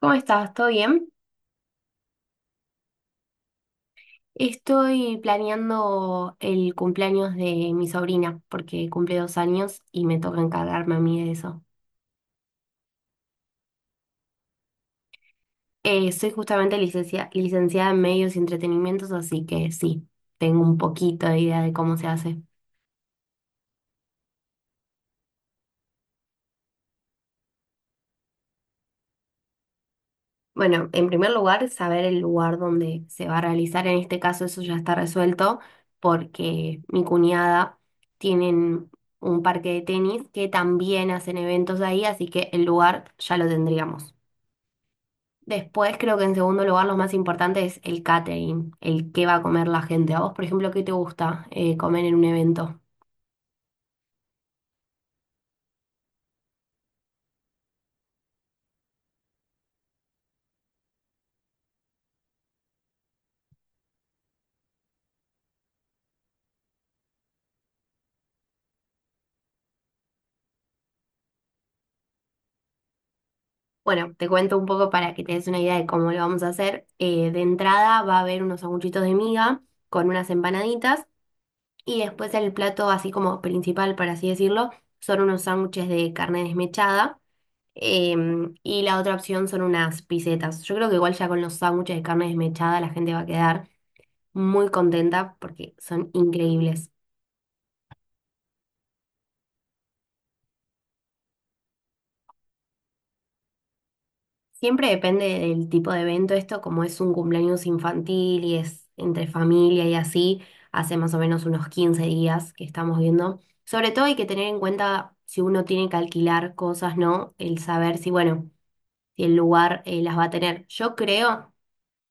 ¿Cómo estás? ¿Todo bien? Estoy planeando el cumpleaños de mi sobrina porque cumple 2 años y me toca encargarme a mí de eso. Soy justamente licenciada en medios y entretenimientos, así que sí, tengo un poquito de idea de cómo se hace. Bueno, en primer lugar, saber el lugar donde se va a realizar. En este caso, eso ya está resuelto porque mi cuñada tienen un parque de tenis que también hacen eventos ahí, así que el lugar ya lo tendríamos. Después creo que en segundo lugar lo más importante es el catering, el qué va a comer la gente. A vos, por ejemplo, ¿qué te gusta comer en un evento? Bueno, te cuento un poco para que te des una idea de cómo lo vamos a hacer. De entrada va a haber unos sanguchitos de miga con unas empanaditas y después el plato así como principal, por así decirlo, son unos sándwiches de carne desmechada. Y la otra opción son unas pisetas. Yo creo que igual ya con los sándwiches de carne desmechada la gente va a quedar muy contenta porque son increíbles. Siempre depende del tipo de evento. Esto, como es un cumpleaños infantil y es entre familia y así, hace más o menos unos 15 días que estamos viendo. Sobre todo hay que tener en cuenta si uno tiene que alquilar cosas, ¿no? El saber si, bueno, si el lugar las va a tener. Yo creo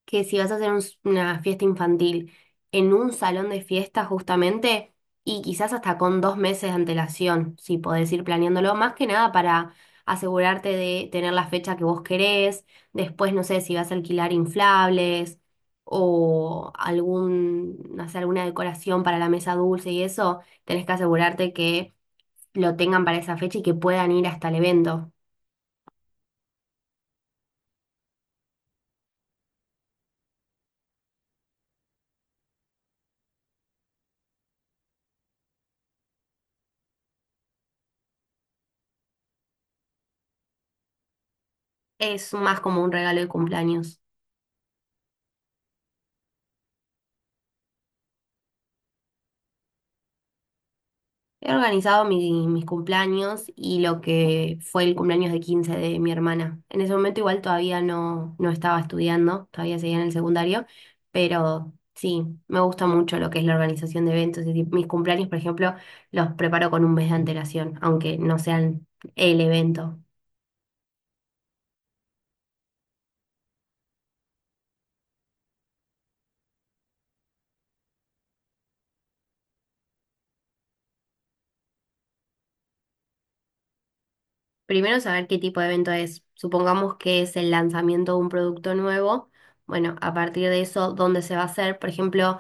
que si vas a hacer una fiesta infantil en un salón de fiesta justamente, y quizás hasta con 2 meses de antelación, si podés ir planeándolo, más que nada para asegurarte de tener la fecha que vos querés, después no sé si vas a alquilar inflables o algún, no sé, alguna decoración para la mesa dulce y eso, tenés que asegurarte que lo tengan para esa fecha y que puedan ir hasta el evento. Es más como un regalo de cumpleaños. He organizado mis cumpleaños y lo que fue el cumpleaños de 15 de mi hermana. En ese momento igual todavía no, no estaba estudiando, todavía seguía en el secundario, pero sí, me gusta mucho lo que es la organización de eventos. Es decir, mis cumpleaños, por ejemplo, los preparo con un mes de antelación, aunque no sean el evento. Primero saber qué tipo de evento es. Supongamos que es el lanzamiento de un producto nuevo. Bueno, a partir de eso, ¿dónde se va a hacer? Por ejemplo,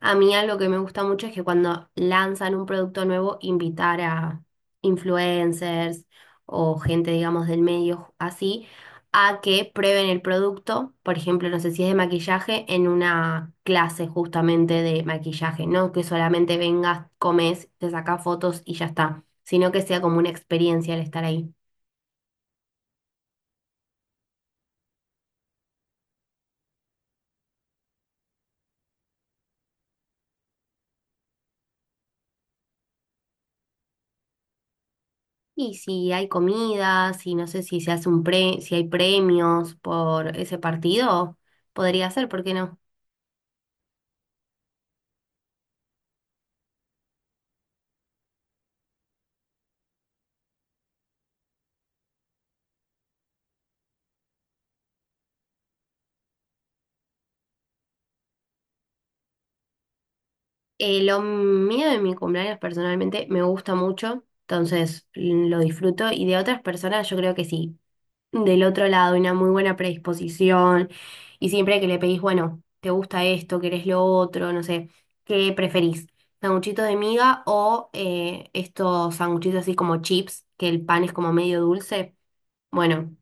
a mí algo que me gusta mucho es que cuando lanzan un producto nuevo, invitar a influencers o gente, digamos, del medio así, a que prueben el producto. Por ejemplo, no sé si es de maquillaje, en una clase justamente de maquillaje, no que solamente vengas, comes, te sacas fotos y ya está, sino que sea como una experiencia el estar ahí. Y si hay comida, si no sé si se hace un pre, si hay premios por ese partido, podría ser, ¿por qué no? Lo mío de mi cumpleaños personalmente me gusta mucho, entonces lo disfruto y de otras personas yo creo que sí. Del otro lado, una muy buena predisposición y siempre que le pedís, bueno, ¿te gusta esto? ¿Querés lo otro? No sé, ¿qué preferís? ¿Sanguchitos de miga o estos sanguchitos así como chips, que el pan es como medio dulce? Bueno,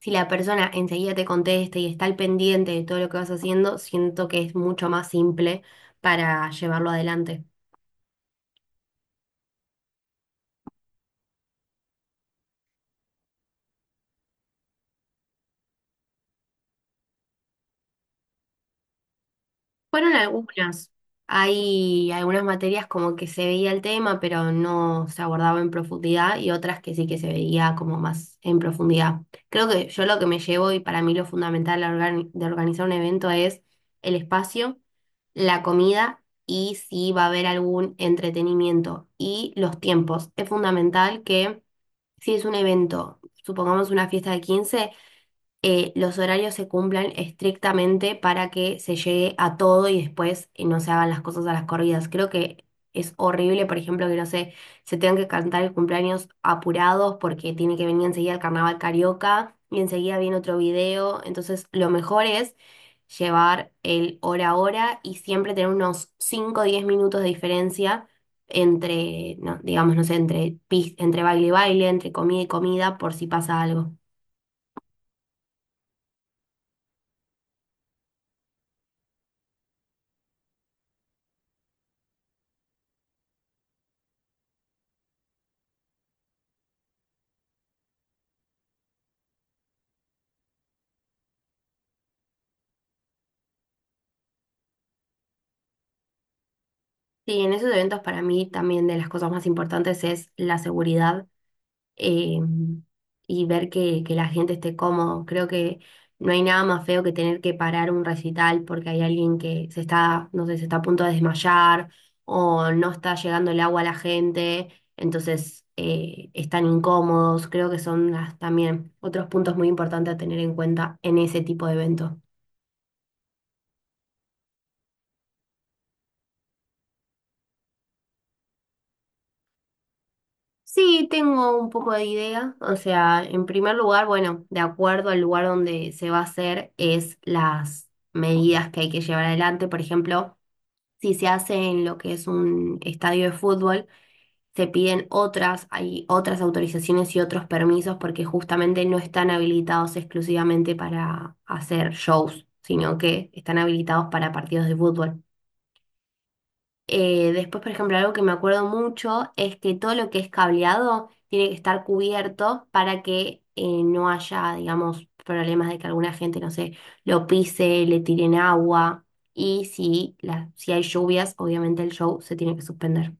si la persona enseguida te contesta y está al pendiente de todo lo que vas haciendo, siento que es mucho más simple para llevarlo adelante. Fueron algunas. Hay algunas materias como que se veía el tema, pero no se abordaba en profundidad, y otras que sí que se veía como más en profundidad. Creo que yo lo que me llevo, y para mí lo fundamental a de organizar un evento es el espacio, la comida y si va a haber algún entretenimiento y los tiempos. Es fundamental que si es un evento, supongamos una fiesta de 15 los horarios se cumplan estrictamente para que se llegue a todo y después no se hagan las cosas a las corridas. Creo que es horrible, por ejemplo, que no sé, se tengan que cantar el cumpleaños apurados porque tiene que venir enseguida el carnaval carioca y enseguida viene otro video. Entonces, lo mejor es llevar el hora a hora y siempre tener unos cinco o 10 minutos de diferencia entre, no, digamos, no sé, entre, entre baile y baile, entre comida y comida, por si pasa algo. Sí, en esos eventos para mí también de las cosas más importantes es la seguridad, eh, y ver que la gente esté cómodo. Creo que no hay nada más feo que tener que parar un recital porque hay alguien que se está, no sé, se está a punto de desmayar o no está llegando el agua a la gente, entonces están incómodos. Creo que son también otros puntos muy importantes a tener en cuenta en ese tipo de eventos. Sí, tengo un poco de idea. O sea, en primer lugar, bueno, de acuerdo al lugar donde se va a hacer, es las medidas que hay que llevar adelante. Por ejemplo, si se hace en lo que es un estadio de fútbol, se piden otras, hay otras autorizaciones y otros permisos porque justamente no están habilitados exclusivamente para hacer shows, sino que están habilitados para partidos de fútbol. Después, por ejemplo, algo que me acuerdo mucho es que todo lo que es cableado tiene que estar cubierto para que no haya, digamos, problemas de que alguna gente, no sé, lo pise, le tiren agua. Y si, si hay lluvias, obviamente el show se tiene que suspender.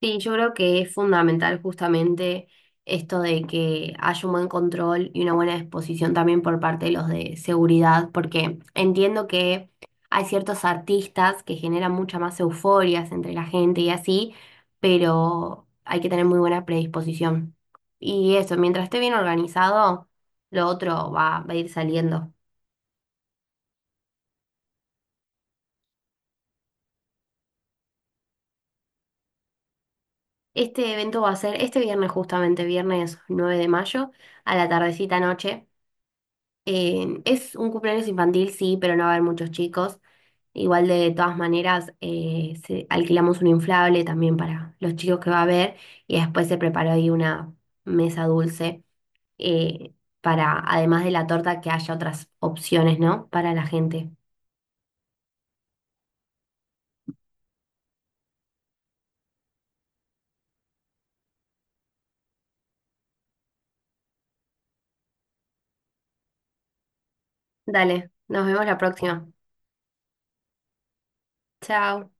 Sí, yo creo que es fundamental justamente esto de que haya un buen control y una buena disposición también por parte de los de seguridad, porque entiendo que hay ciertos artistas que generan mucha más euforias entre la gente y así, pero hay que tener muy buena predisposición. Y eso, mientras esté bien organizado, lo otro va a ir saliendo. Este evento va a ser este viernes justamente, viernes 9 de mayo, a la tardecita noche. Es un cumpleaños infantil, sí, pero no va a haber muchos chicos. Igual de todas maneras, alquilamos un inflable también para los chicos que va a haber y después se preparó ahí una mesa dulce, eh, para, además de la torta, que haya otras opciones, ¿no? Para la gente. Dale, nos vemos la próxima. Chao.